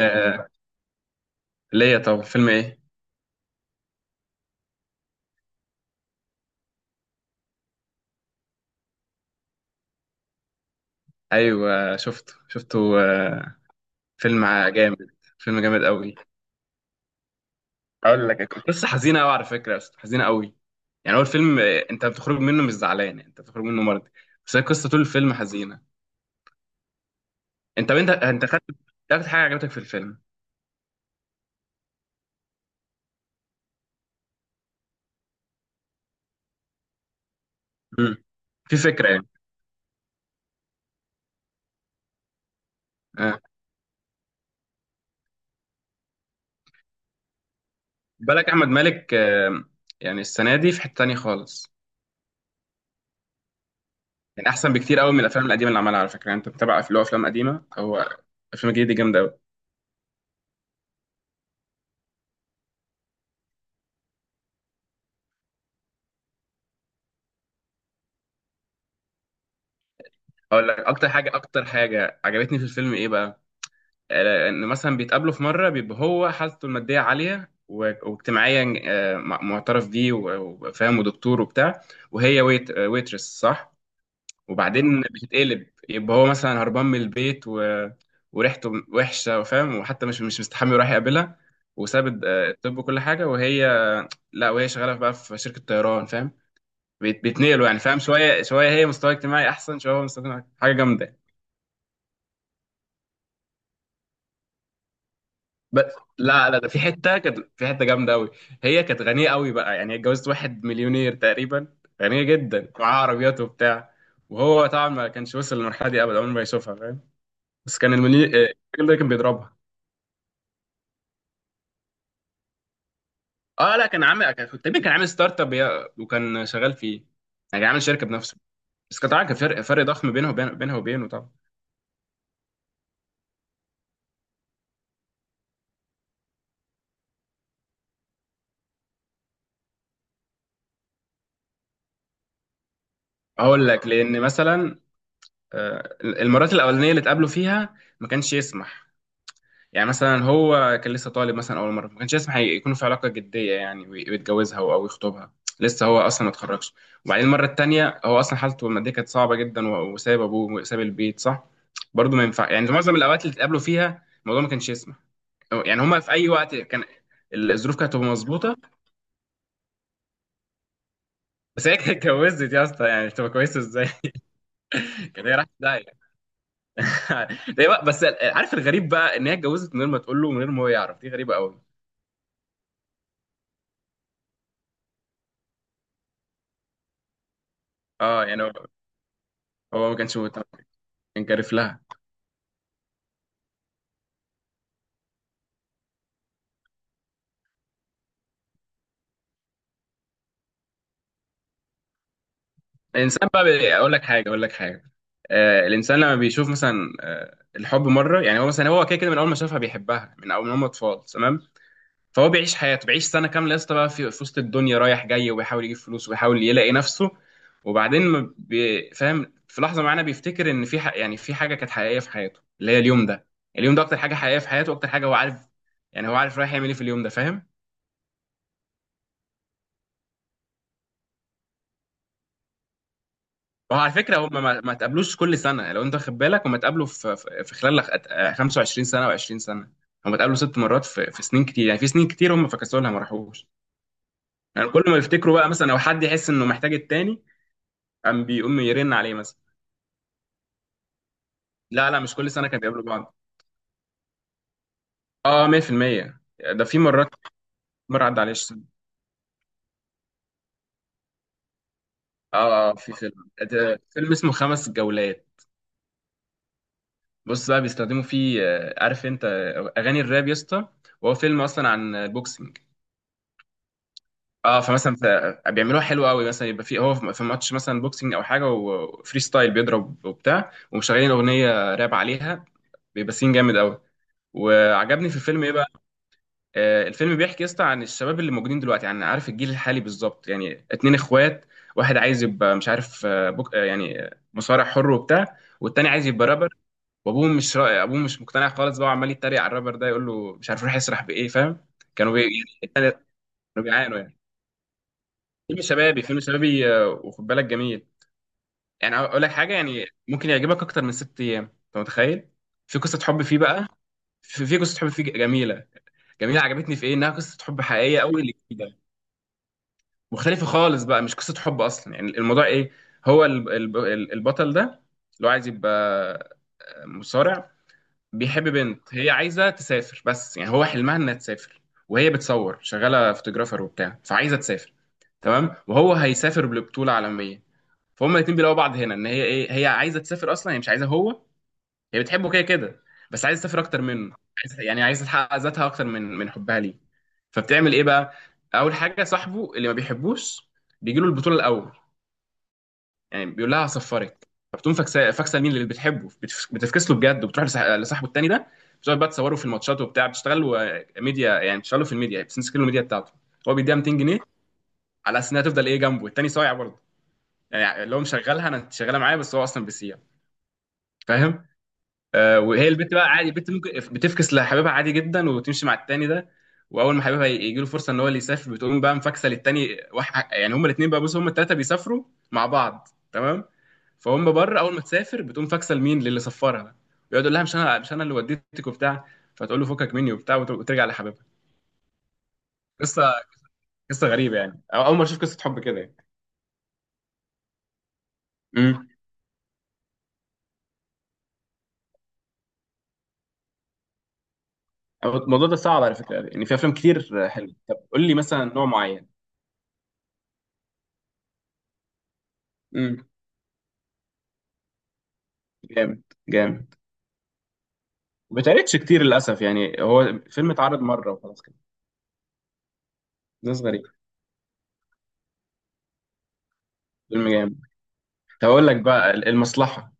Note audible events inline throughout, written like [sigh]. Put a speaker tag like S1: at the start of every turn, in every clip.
S1: آه، ليا طبعا فيلم ايه؟ ايوه شفته. آه، فيلم جامد. فيلم جامد قوي. اقول لك، كنت قصه حزينه قوي على فكره، بس حزينه قوي. يعني هو الفيلم آه، انت بتخرج منه مش زعلان، يعني انت بتخرج منه مرضي. بس هي القصه طول الفيلم حزينه. انت خدت، خدت حاجه عجبتك في الفيلم؟ مم. في فكره يعني. آه. بالك احمد مالك، آه، يعني السنه دي في حته تانيه خالص. يعني احسن بكتير قوي من الافلام القديمه اللي عملها، على فكره يعني انت متابع له افلام قديمه؟ هو الافلام الجديده دي جامده قوي. اقول لك اكتر حاجه، اكتر حاجه عجبتني في الفيلم ايه بقى. آه، ان مثلا بيتقابلوا في مره بيبقى هو حالته الماديه عاليه، واجتماعيا آه، معترف بيه، وفاهم ودكتور وبتاع، وهي ويترس، صح. وبعدين اه بتتقلب، يبقى هو مثلا هربان من البيت و... وريحته وحشه وفاهم، وحتى مش مستحمي، وراح يقابلها. وساب الطب وكل حاجه. وهي، لا، وهي شغاله بقى في شركه طيران، فاهم؟ بيتنقلوا يعني، فاهم؟ شويه شويه، هي مستوى اجتماعي احسن شويه، هو مستوى اجتماعي، حاجه جامده. بس، لا، ده في حته، كانت في حته جامده قوي. هي كانت غنيه قوي بقى، يعني اتجوزت واحد مليونير تقريبا. غنيه جدا، معاه عربيات وبتاع. وهو طبعا ما كانش وصل للمرحله دي ابدا، عمره ما يشوفها، فاهم؟ بس كان المليونير آه، الراجل ده كان بيضربها. اه لا، كان عامل، كان تقريبا كان عامل ستارت اب وكان شغال فيه. يعني عامل شركه بنفسه. بس كان طبعا كان فرق ضخم بينه وبين، بينها وبينه طبعا. اقول لك، لان مثلا آه، المرات الاولانيه اللي اتقابلوا فيها ما كانش يسمح. يعني مثلا هو كان لسه طالب مثلا اول مره، ما كانش يسمح يكونوا في علاقه جديه يعني، ويتجوزها او يخطبها. لسه هو اصلا ما اتخرجش. وبعدين المره التانيه هو اصلا حالته الماديه كانت صعبه جدا، وساب ابوه وساب البيت، صح. برضه ما ينفع. يعني معظم الاوقات اللي اتقابلوا فيها الموضوع ما كانش يسمح. يعني هما في اي وقت كان، الظروف كانت هتبقى مظبوطه. بس هي كانت اتجوزت، يا اسطى، يعني تبقى كويسه ازاي؟ [laughs] كانت هي راحت في داهيه. [laughs] بس، عارف الغريب بقى ان هي اتجوزت من غير ما تقول له، من غير ما هو يعرف، دي غريبه قوي. اه يعني هو، ما كانش مهتم. انكرف لها. الانسان بقى اقول لك حاجه، آه، الانسان لما بيشوف مثلا آه الحب مره. يعني هو مثلا كده كده من اول ما شافها بيحبها، من اول ما هم اطفال، تمام. فهو بيعيش حياته، بيعيش سنه كامله، يا اسطى، بقى في في وسط الدنيا رايح جاي، وبيحاول يجيب فلوس، وبيحاول يلاقي نفسه. وبعدين ما بي- فاهم في لحظه معينه بيفتكر ان في يعني في حاجه كانت حقيقيه في حياته، اللي هي اليوم ده. اليوم ده اكتر حاجه حقيقيه في حياته، واكتر حاجه هو عارف. يعني هو عارف رايح يعمل ايه في اليوم ده، فاهم؟ وهو على فكره هم ما تقابلوش كل سنه، يعني لو انت واخد بالك، هم اتقابلوا في خلال 25 سنه و20 سنه، هم اتقابلوا ست مرات. في في سنين كتير، يعني في سنين كتير هم فكسوا لها، ما راحوش. يعني كل ما يفتكروا بقى، مثلا لو حد يحس انه محتاج التاني، بيقوم يرن عليه مثلا. لا، مش كل سنه كانوا بيقابلوا بعض. اه 100%. ده في مرات مره عدى عليه سنه. اه آه، آه، في فيلم، ده فيلم اسمه خمس جولات. بص بقى، بيستخدموا فيه آه، عارف انت آه، اغاني الراب، يا اسطى؟ وهو فيلم اصلا عن البوكسنج. اه فمثلا بيعملوها حلو قوي. مثلا يبقى في في ماتش مثلا بوكسنج او حاجه، وفري ستايل بيضرب وبتاع، ومشغلين اغنيه راب عليها. بيبقى سين جامد قوي. وعجبني في الفيلم ايه بقى، آه الفيلم بيحكي، يا اسطى، عن الشباب اللي موجودين دلوقتي، يعني عارف الجيل الحالي بالظبط. يعني اتنين اخوات، واحد عايز يبقى، مش عارف آه، بوك آه، يعني آه، مصارع حر وبتاع، والتاني عايز يبقى رابر. وابوه مش، رأي ابوه مش مقتنع خالص بقى، وعمال يتريق على الرابر ده، يقول له مش عارف يروح يسرح بايه، فاهم؟ كانوا يعني كانوا بيعانوا يعني. فيلم شبابي آه، وخد بالك، جميل. يعني اقول لك حاجه، يعني ممكن يعجبك اكتر من ست ايام، انت متخيل؟ في قصه حب فيه بقى. في قصه حب فيه جميله. جميله، عجبتني في ايه؟ انها قصه حب حقيقيه قوي اللي جديده. مختلفه خالص بقى، مش قصه حب اصلا. يعني الموضوع ايه، هو البطل ده اللي هو عايز يبقى مصارع، بيحب بنت هي عايزه تسافر. بس يعني هو حلمها انها تسافر، وهي بتصور، شغاله فوتوغرافر وبتاع، فعايزه تسافر، تمام؟ وهو هيسافر لبطوله عالميه. فهم الاتنين بيلاقوا بعض هنا، ان هي ايه، هي عايزه تسافر اصلا، هي مش عايزه هو. هي بتحبه كده كده، بس عايزه تسافر اكتر منه. عايزة يعني عايزه تحقق ذاتها اكتر من من حبها ليه. فبتعمل ايه بقى، اول حاجه صاحبه اللي ما بيحبوش بيجي له البطوله الاول. يعني بيقول لها هصفرك. فبتقوم فاكسه، مين اللي بتحبه، بتفكس له بجد، وبتروح لصاحبه التاني ده. بتقعد بقى تصوره في الماتشات وبتاع، بتشتغلوا ميديا. يعني بتشتغلوا في الميديا، بتمسكوا الميديا بتاعته. هو بيديها 200 جنيه، على اساس انها تفضل ايه جنبه. التاني صايع برضه، يعني اللي هو مشغلها، انا انت شغاله معايا، بس هو اصلا بيسيع، فاهم؟ آه وهي البت بقى عادي، البت ممكن بتفكس لحبيبها عادي جدا، وبتمشي مع التاني ده. واول ما حبيبها يجي له فرصه ان هو اللي يسافر، بتقوم بقى مفكسه للتاني، يعني هما الاثنين بقى، بص، هما الثلاثه بيسافروا مع بعض، تمام. فهم بره، اول ما تسافر بتقوم فاكسه لمين، للي سفرها. ويقعد يقول لها مش انا، مش انا اللي وديتك وبتاع. فتقول له فكك مني وبتاع، وترجع لحبيبها. قصه، قصه غريبه يعني، أو اول مره اشوف قصه حب كده يعني. امم، أو الموضوع ده صعب على فكره، يعني في افلام كتير حلوه، طب قول لي مثلا نوع معين. امم. جامد. جامد. ما اتعرضش كتير للاسف، يعني هو فيلم اتعرض مره وخلاص كده. ناس غريب. فيلم جامد. طب اقول لك بقى المصلحه.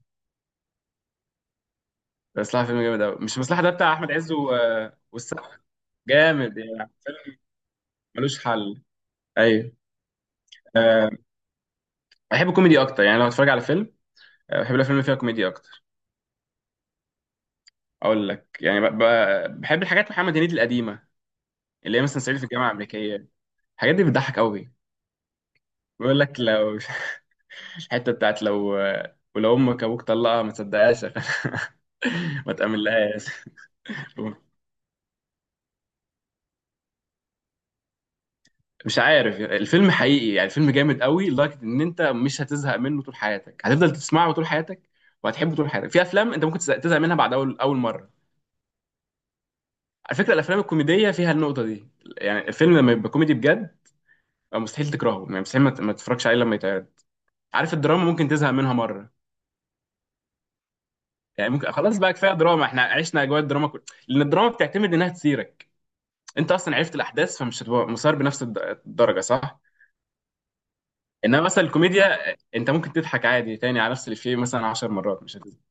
S1: المصلحه فيلم جامد قوي، مش المصلحه ده بتاع احمد عز و... والسقا. جامد يعني فيلم ملوش حل. ايوه. أه، بحب الكوميدي اكتر، يعني لو اتفرج على فيلم، أه، بحب الافلام اللي فيها كوميديا اكتر. اقول لك، يعني بحب الحاجات محمد هنيدي القديمه، اللي هي مثلا صعيدي في الجامعه الامريكيه. الحاجات دي بتضحك قوي. بيقول لك لو [laughs] الحته بتاعت لو، ولو امك ابوك طلقها ما تصدقهاش. [laughs] ما تامنلهاش. مش عارف الفيلم، حقيقي يعني الفيلم جامد قوي لدرجه ان انت مش هتزهق منه طول حياتك، هتفضل تسمعه طول حياتك وهتحبه طول حياتك. في افلام انت ممكن تزهق منها بعد اول مره. على فكره الافلام الكوميديه فيها النقطه دي. يعني الفيلم لما يبقى كوميدي بجد، آه، مستحيل تكرهه، يعني مستحيل ما تتفرجش عليه لما يتعرض. عارف الدراما ممكن تزهق منها مره. يعني ممكن خلاص بقى، كفايه دراما، احنا عشنا اجواء الدراما كل... لان الدراما بتعتمد انها تثيرك. انت اصلا عرفت الاحداث، فمش هتبقى مثار بنفس الدرجه، صح. انما مثلا الكوميديا، انت ممكن تضحك عادي تاني على نفس الافيه مثلا 10 مرات مش هتزهق.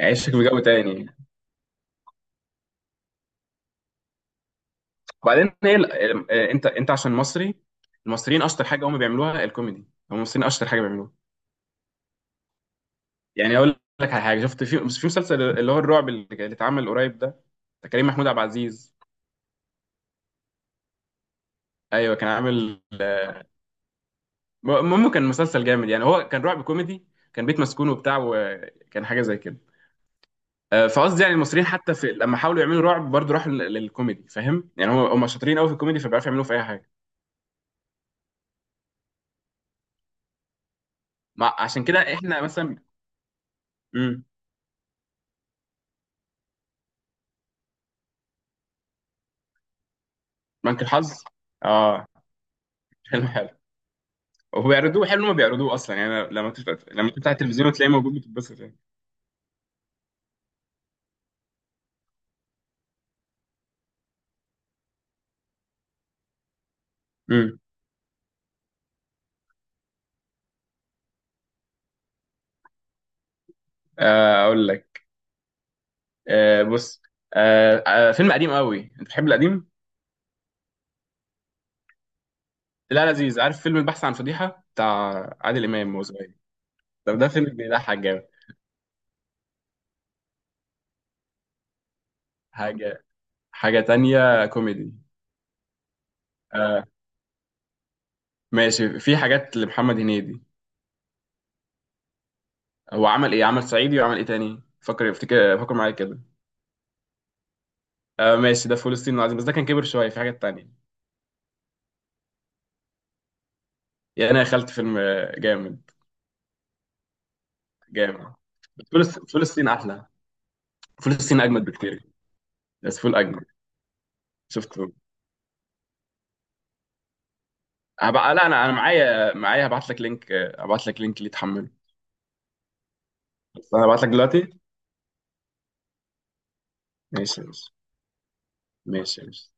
S1: يعيشك بجو تاني. وبعدين هي ال- ال- إيه، انت، انت عشان مصري. المصريين اشطر حاجه هم بيعملوها الكوميدي، هم المصريين اشطر حاجه بيعملوها. يعني اقول لك على حاجه شفت في، في مسلسل اللي هو الرعب، اللي اتعمل قريب ده. ده كريم محمود عبد العزيز. ايوه كان عامل، المهم كان مسلسل جامد، يعني هو كان رعب كوميدي. كان بيت مسكون وبتاع، وكان حاجه زي كده. آه، فقصدي يعني المصريين حتى في لما حاولوا يعملوا رعب برضه راحوا للكوميدي، فاهم؟ يعني هم شاطرين قوي في الكوميدي، فبيعرفوا يعملوه في اي حاجه. مع، عشان كده احنا مثلا. امم. بنك الحظ، اه. حلو، حلو. وبيعرضوه حلو ما بيعرضوه اصلا. يعني لما تفتح، لما تفتح التلفزيون وتلاقيه موجود، بتتبسط يعني. امم. آه اقول لك، آه بص، آه آه فيلم قديم قوي، انت بتحب القديم؟ لا، لذيذ. عارف فيلم البحث عن فضيحه بتاع عادل امام وهو صغير؟ طب ده فيلم بيضحك جامد. حاجه، حاجه تانية كوميدي. آه، ماشي. في حاجات لمحمد هنيدي. هو عمل ايه؟ عمل صعيدي، وعمل ايه تاني؟ فكر، افتكر، فكر معايا كده. آه ماشي ده فلسطين العظيم، بس ده كان كبر شويه. في حاجات تانية. يعني انا دخلت فيلم آه، جامد. جامد. فلسطين احلى. فلسطين اجمد بكتير. بس فول اجمد. شفته. هبقى، لا، انا معايا هبعت لك لينك، آه، هبعت لك لينك اللي تحمله. بس انا هبعت لك دلوقتي. ماشي، ماشي. ماشي، ماشي.